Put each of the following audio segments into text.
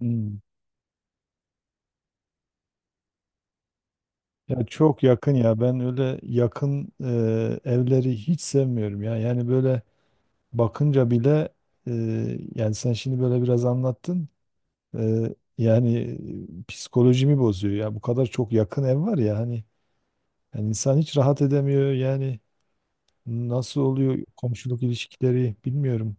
Hmm. Ya çok yakın ya, ben öyle yakın evleri hiç sevmiyorum ya. Yani böyle bakınca bile, e, yani sen şimdi böyle biraz anlattın. Yani psikolojimi bozuyor ya, bu kadar çok yakın ev var ya, hani yani insan hiç rahat edemiyor yani. Nasıl oluyor komşuluk ilişkileri bilmiyorum.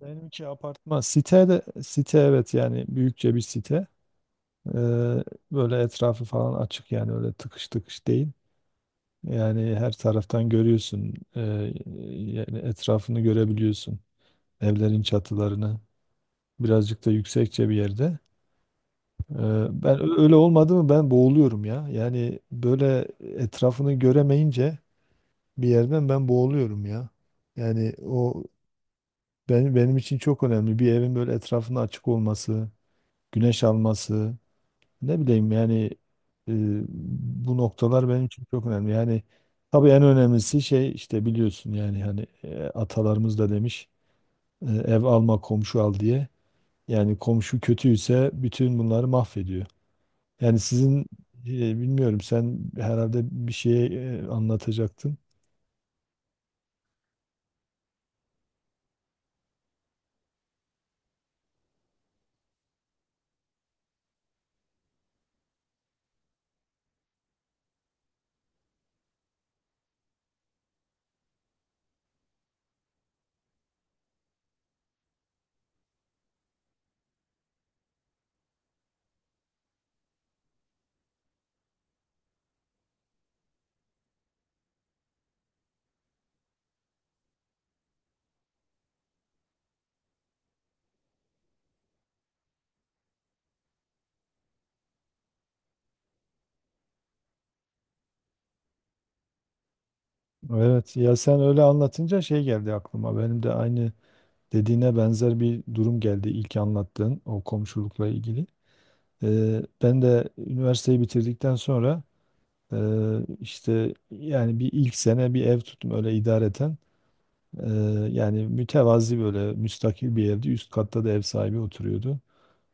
Benimki apartman site, de site, evet yani büyükçe bir site. E, Böyle etrafı falan açık, yani öyle tıkış tıkış değil. Yani her taraftan görüyorsun. Yani etrafını görebiliyorsun. Evlerin çatılarını. Birazcık da yüksekçe bir yerde. Ee, Öyle olmadı mı ben boğuluyorum ya. Yani böyle etrafını göremeyince bir yerden ben boğuluyorum ya. Yani o benim için çok önemli. Bir evin böyle etrafının açık olması, güneş alması. Ne bileyim yani, e, bu noktalar benim için çok önemli. Yani tabii en önemlisi şey işte, biliyorsun yani hani, atalarımız da demiş e, ev alma komşu al diye. Yani komşu kötüyse bütün bunları mahvediyor. Yani sizin e, bilmiyorum sen herhalde bir şey anlatacaktın. Evet, ya sen öyle anlatınca şey geldi aklıma. Benim de aynı dediğine benzer bir durum geldi ilk anlattığın o komşulukla ilgili. Ben de üniversiteyi bitirdikten sonra, işte yani bir ilk sene bir ev tuttum öyle idareten. Eee, Yani mütevazi böyle müstakil bir evdi. Üst katta da ev sahibi oturuyordu.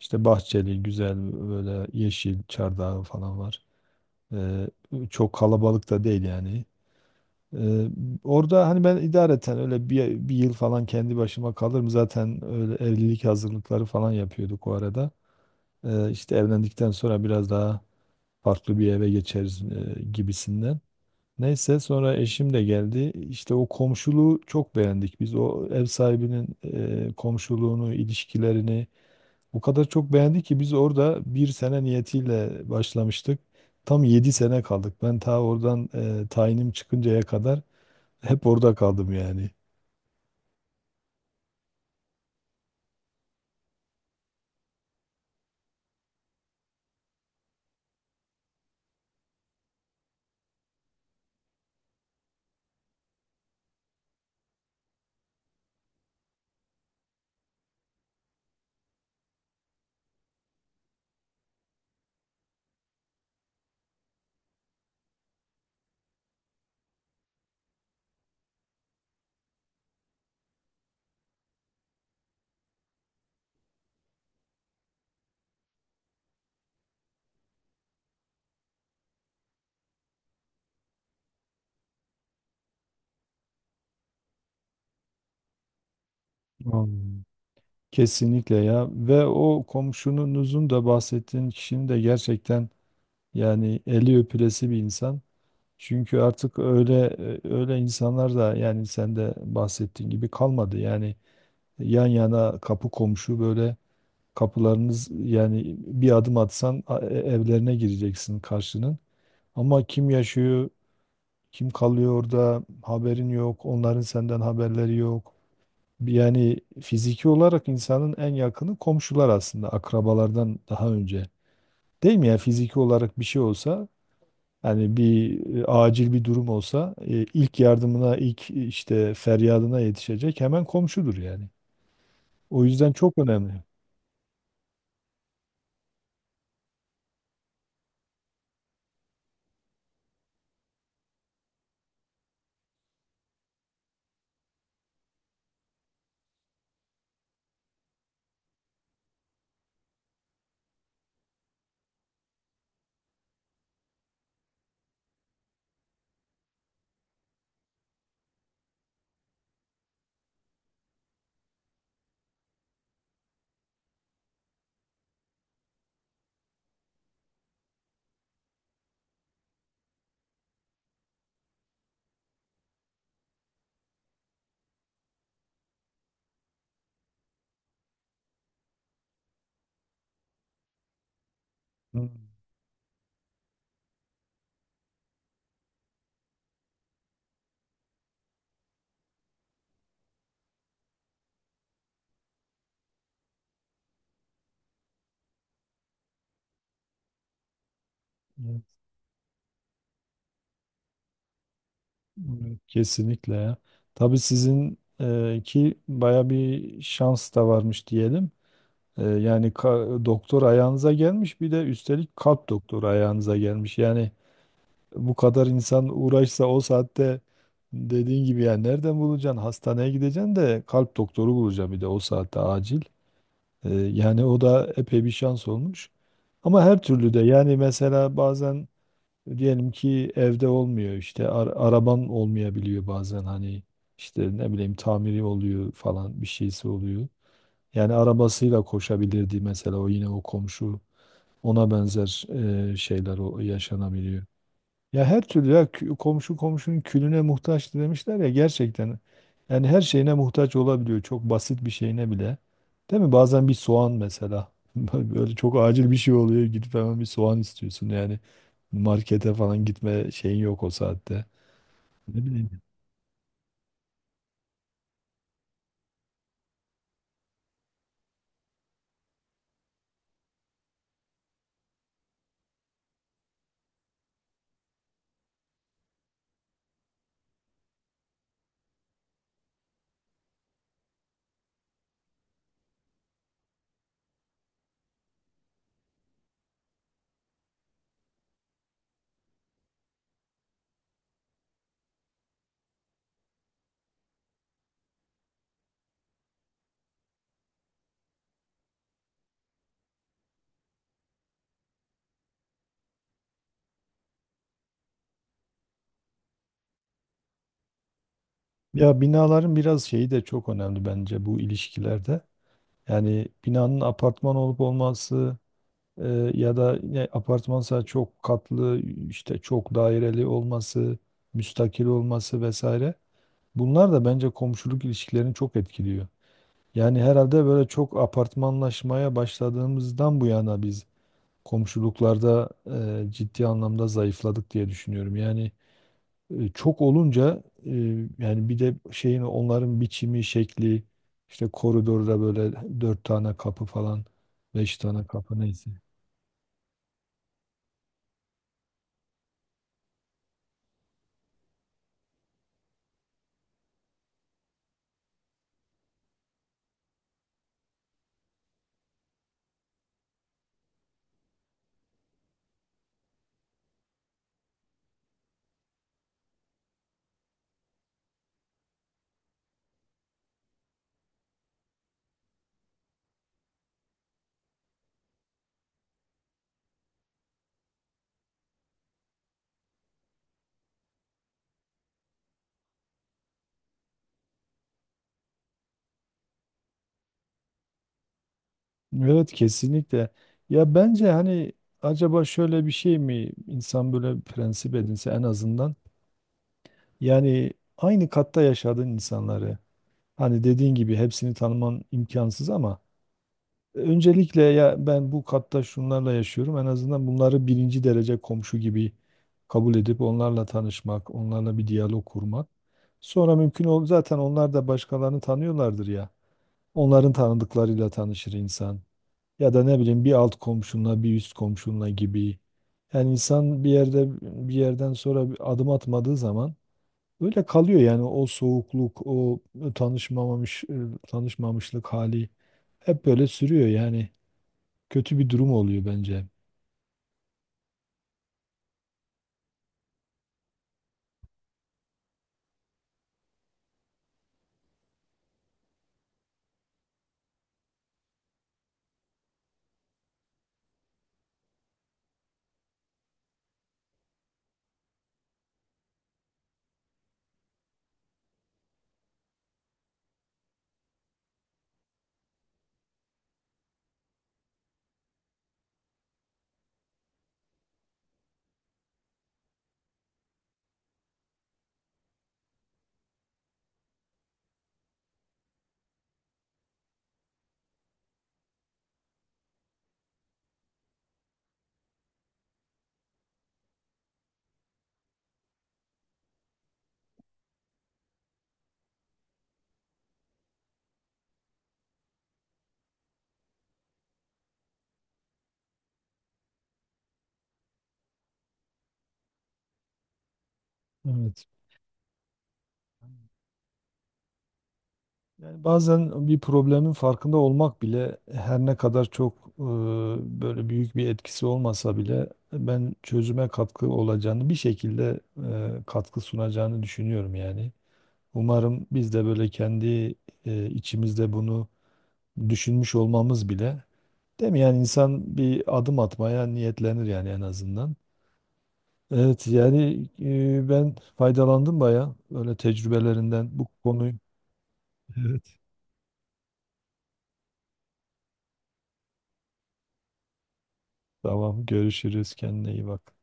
İşte bahçeli, güzel böyle yeşil çardağı falan var. Eee, Çok kalabalık da değil yani. Eee, Orada hani ben idareten öyle bir yıl falan kendi başıma kalırım. Zaten öyle evlilik hazırlıkları falan yapıyorduk o arada. İşte evlendikten sonra biraz daha farklı bir eve geçeriz, gibisinden. Neyse sonra eşim de geldi. İşte o komşuluğu çok beğendik. Biz o ev sahibinin komşuluğunu, ilişkilerini o kadar çok beğendik ki, biz orada bir sene niyetiyle başlamıştık. Tam yedi sene kaldık. Ben ta oradan tayinim çıkıncaya kadar hep orada kaldım yani. Anladım. Kesinlikle ya, ve o komşununuzun da, bahsettiğin kişinin de gerçekten yani eli öpülesi bir insan. Çünkü artık öyle, öyle insanlar da, yani sen de bahsettiğin gibi, kalmadı. Yani yan yana kapı komşu, böyle kapılarınız, yani bir adım atsan evlerine gireceksin karşının. Ama kim yaşıyor, kim kalıyor orada haberin yok, onların senden haberleri yok. Yani fiziki olarak insanın en yakını komşular, aslında akrabalardan daha önce. Değil mi ya, fiziki olarak bir şey olsa, hani bir acil bir durum olsa, ilk yardımına, ilk işte feryadına yetişecek hemen komşudur yani. O yüzden çok önemli. Hmm. Evet, evet, kesinlikle ya. Tabii sizin, ki baya bir şans da varmış diyelim. E, yani doktor ayağınıza gelmiş, bir de üstelik kalp doktoru ayağınıza gelmiş. Yani bu kadar insan uğraşsa o saatte, dediğin gibi yani nereden bulacaksın? Hastaneye gideceksin de kalp doktoru bulacaksın bir de o saatte, acil. Yani o da epey bir şans olmuş. Ama her türlü de yani, mesela bazen diyelim ki evde olmuyor, işte araban olmayabiliyor bazen, hani işte ne bileyim tamiri oluyor falan, bir şeysi oluyor. Yani arabasıyla koşabilirdi mesela o, yine o komşu. Ona benzer şeyler o yaşanabiliyor. Ya her türlü ya, komşu komşunun külüne muhtaç demişler ya, gerçekten. Yani her şeyine muhtaç olabiliyor. Çok basit bir şeyine bile. Değil mi? Bazen bir soğan mesela. Böyle çok acil bir şey oluyor. Gidip hemen bir soğan istiyorsun yani. Markete falan gitme şeyin yok o saatte. Ne bileyim. Ya binaların biraz şeyi de çok önemli bence bu ilişkilerde. Yani binanın apartman olup olması, ya da yine apartmansa çok katlı, işte çok daireli olması, müstakil olması vesaire. Bunlar da bence komşuluk ilişkilerini çok etkiliyor. Yani herhalde böyle çok apartmanlaşmaya başladığımızdan bu yana biz komşuluklarda ciddi anlamda zayıfladık diye düşünüyorum. Yani çok olunca, yani bir de şeyin, onların biçimi, şekli, işte koridorda böyle dört tane kapı falan, beş tane kapı, neyse. Evet, kesinlikle. Ya bence hani, acaba şöyle bir şey mi, insan böyle bir prensip edinse en azından, yani aynı katta yaşadığın insanları, hani dediğin gibi hepsini tanıman imkansız ama, öncelikle ya ben bu katta şunlarla yaşıyorum, en azından bunları birinci derece komşu gibi kabul edip onlarla tanışmak, onlarla bir diyalog kurmak. Sonra mümkün ol, zaten onlar da başkalarını tanıyorlardır ya. Onların tanıdıklarıyla tanışır insan. Ya da ne bileyim, bir alt komşunla, bir üst komşunla gibi. Yani insan bir yerde, bir yerden sonra bir adım atmadığı zaman öyle kalıyor yani. O soğukluk, o tanışmamış tanışmamışlık hali hep böyle sürüyor yani. Kötü bir durum oluyor bence. Evet. Yani bazen bir problemin farkında olmak bile, her ne kadar çok böyle büyük bir etkisi olmasa bile, ben çözüme katkı olacağını, bir şekilde katkı sunacağını düşünüyorum yani. Umarım biz de böyle kendi içimizde bunu düşünmüş olmamız bile, değil mi? Yani insan bir adım atmaya niyetlenir yani, en azından. Evet yani, ben faydalandım bayağı öyle tecrübelerinden bu konuyu. Evet. Tamam, görüşürüz, kendine iyi bak.